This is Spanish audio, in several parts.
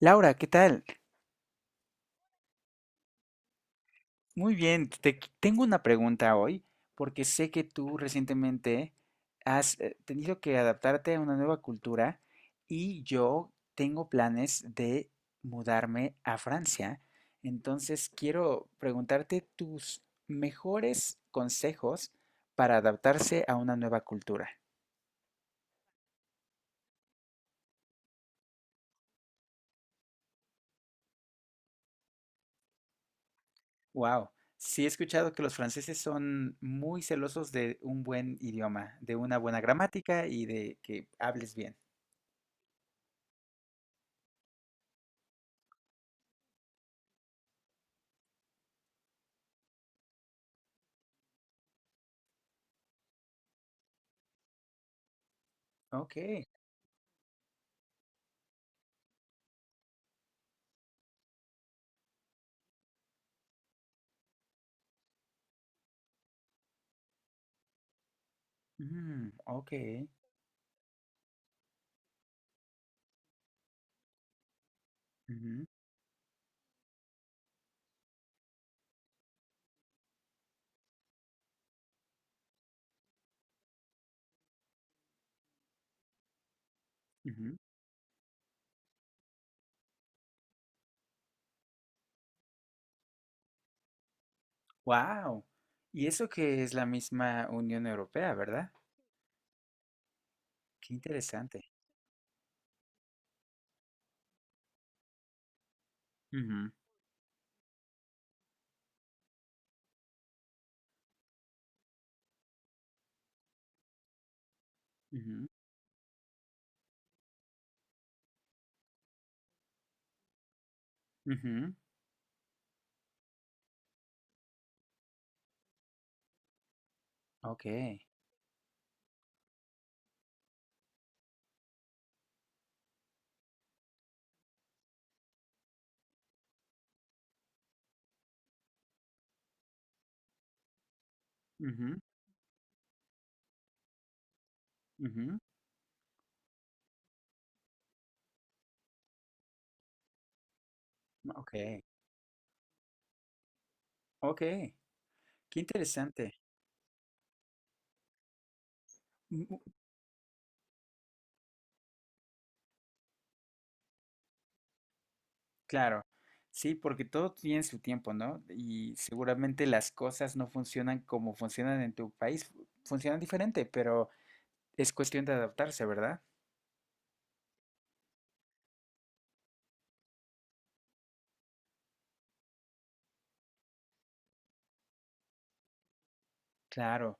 Laura, ¿qué tal? Muy bien, tengo una pregunta hoy porque sé que tú recientemente has tenido que adaptarte a una nueva cultura y yo tengo planes de mudarme a Francia. Entonces quiero preguntarte tus mejores consejos para adaptarse a una nueva cultura. Wow, sí he escuchado que los franceses son muy celosos de un buen idioma, de una buena gramática y de que hables bien. Okay. Mm, okey. Ujú. Y eso que es la misma Unión Europea, ¿verdad? Qué interesante. Ujú, ujú, ujú. Okey. Ujú, ujú. Okey, okey. Qué interesante. Mm, mm, claro. Sí, porque todo tiene su tiempo, ¿no? Y seguramente las cosas no funcionan como funcionan en tu país, funcionan diferente, pero es cuestión de adaptarse, ¿verdad? Claro,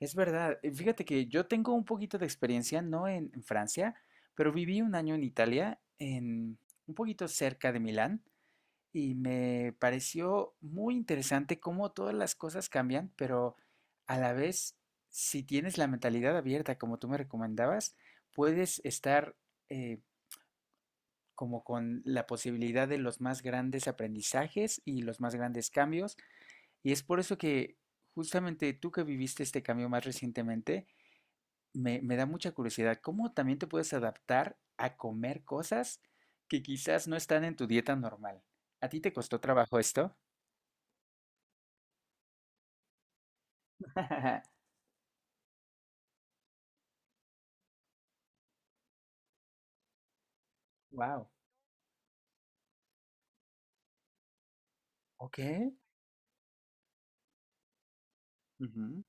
es verdad. Fíjate que yo tengo un poquito de experiencia, no en Francia, pero viví un año en Italia, en un poquito cerca de Milán, y me pareció muy interesante cómo todas las cosas cambian, pero a la vez, si tienes la mentalidad abierta, como tú me recomendabas, puedes estar eh, como con la posibilidad de los más grandes aprendizajes y los más grandes cambios. Y es por eso que justamente tú que viviste este cambio más recientemente, me da mucha curiosidad, ¿cómo también te puedes adaptar a comer cosas que quizás no están en tu dieta normal? ¿A ti te costó trabajo esto? Wow. ¿Ok? Ujú.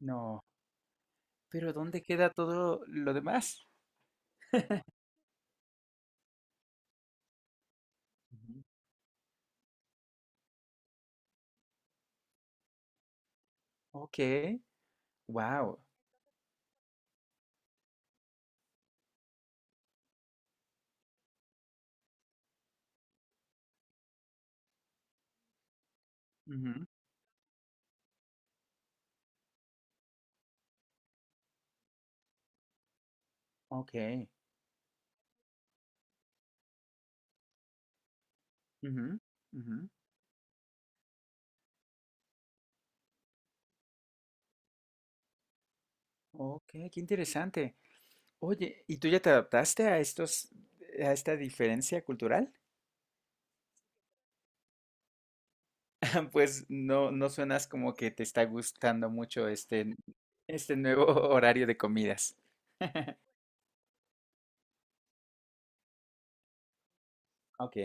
No. Pero ¿dónde queda todo lo demás? Ujú. Ok. Wow. Ujú. Ok. Ujú, ujú. Ok, qué interesante. Oye, ¿tú ya te adaptaste a estos, a esta diferencia cultural? Pues no, no suenas como que te está gustando mucho este, este nuevo horario de comidas. Ok,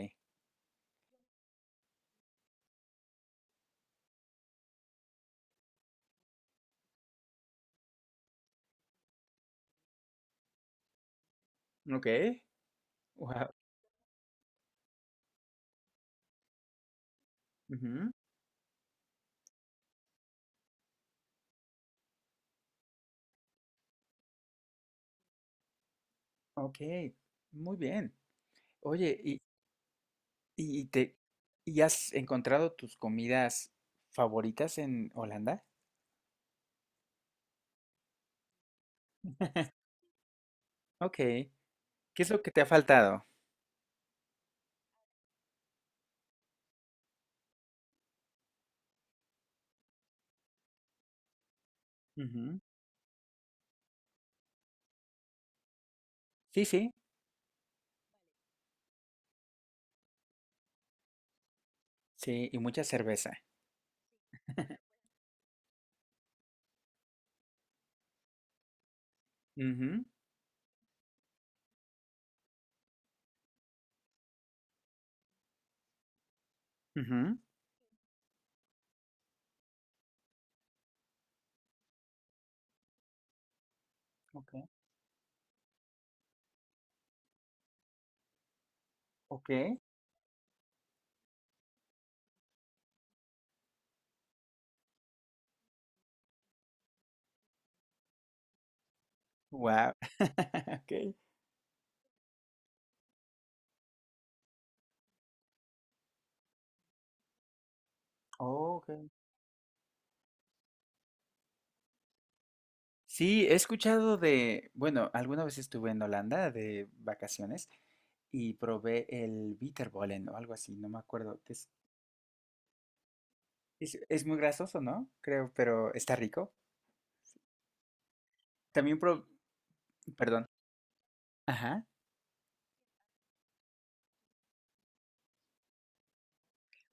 ok, wow, ujú, ok, muy bien. Oye, y te, y has encontrado tus comidas favoritas en Holanda? Ok, ¿qué es lo que te ha faltado? Ujú. Sí, sí, sí, y mucha cerveza. Ujú, ujú. Ok, ok. Wow. Okay. Oh, ok. Sí, he escuchado de, bueno, alguna vez estuve en Holanda de vacaciones y probé el bitterballen o algo así, no me acuerdo, es muy grasoso, ¿no? Creo, pero está rico. También perdón, ajá,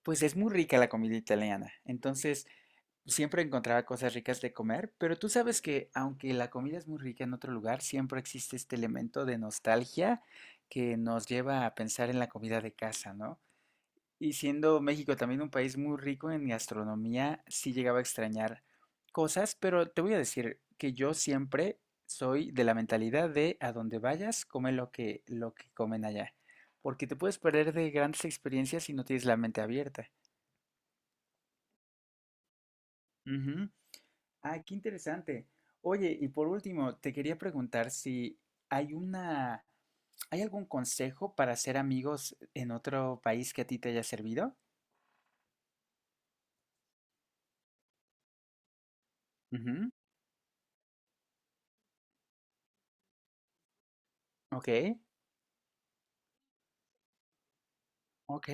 pues es muy rica la comida italiana. Entonces, siempre encontraba cosas ricas de comer, pero tú sabes que aunque la comida es muy rica en otro lugar, siempre existe este elemento de nostalgia que nos lleva a pensar en la comida de casa, ¿no? Y siendo México también un país muy rico en gastronomía, sí llegaba a extrañar cosas, pero te voy a decir que yo siempre soy de la mentalidad de a donde vayas, come lo que comen allá, porque te puedes perder de grandes experiencias si no tienes la mente abierta. Ujú. Ah, qué interesante. Oye, y por último, te quería preguntar si hay una, ¿hay algún consejo para hacer amigos en otro país que a ti te haya servido? Ujú. Ok, ok.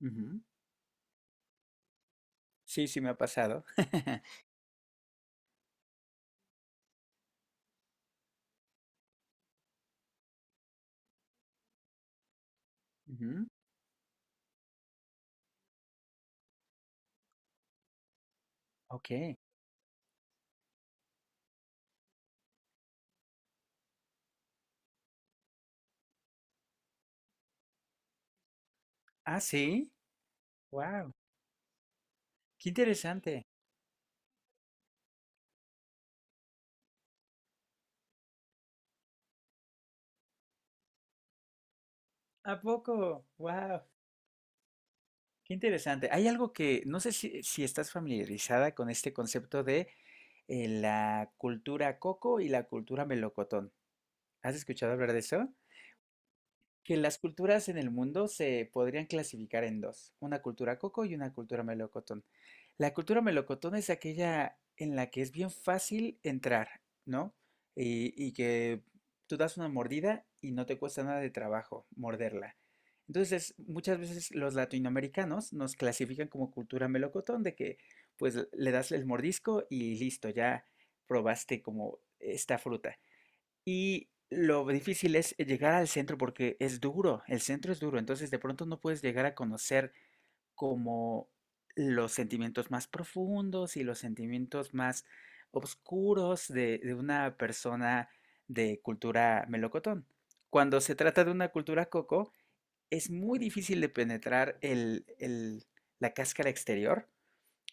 Ujú. Sí, sí me ha pasado. Ujú. Ok. Ah, sí. Wow. Qué interesante. ¿A poco? Wow. Qué interesante. Hay algo que, no sé si estás familiarizada con este concepto de la cultura coco y la cultura melocotón. ¿Has escuchado hablar de eso? Que las culturas en el mundo se podrían clasificar en dos, una cultura coco y una cultura melocotón. La cultura melocotón es aquella en la que es bien fácil entrar, ¿no? Y que tú das una mordida y no te cuesta nada de trabajo morderla. Entonces, muchas veces los latinoamericanos nos clasifican como cultura melocotón, de que pues le das el mordisco y listo, ya probaste como esta fruta. Y lo difícil es llegar al centro porque es duro, el centro es duro, entonces de pronto no puedes llegar a conocer como los sentimientos más profundos y los sentimientos más oscuros de una persona de cultura melocotón. Cuando se trata de una cultura coco, es muy difícil de penetrar la cáscara exterior,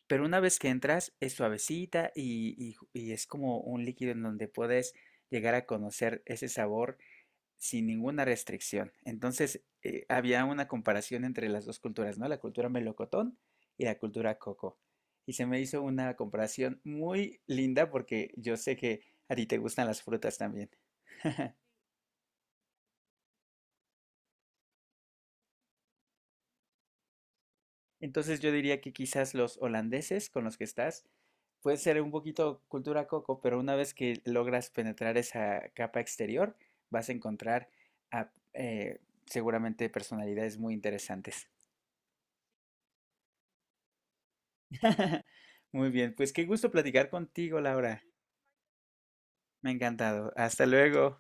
pero una vez que entras, es suavecita y es como un líquido en donde puedes llegar a conocer ese sabor sin ninguna restricción. Entonces, había una comparación entre las dos culturas, ¿no? La cultura melocotón y la cultura coco. Y se me hizo una comparación muy linda porque yo sé que a ti te gustan las frutas también. Entonces yo diría que quizás los holandeses con los que estás puede ser un poquito cultura coco, pero una vez que logras penetrar esa capa exterior, vas a encontrar a, eh, seguramente personalidades muy interesantes. Muy bien, pues qué gusto platicar contigo, Laura. Me ha encantado. Hasta luego.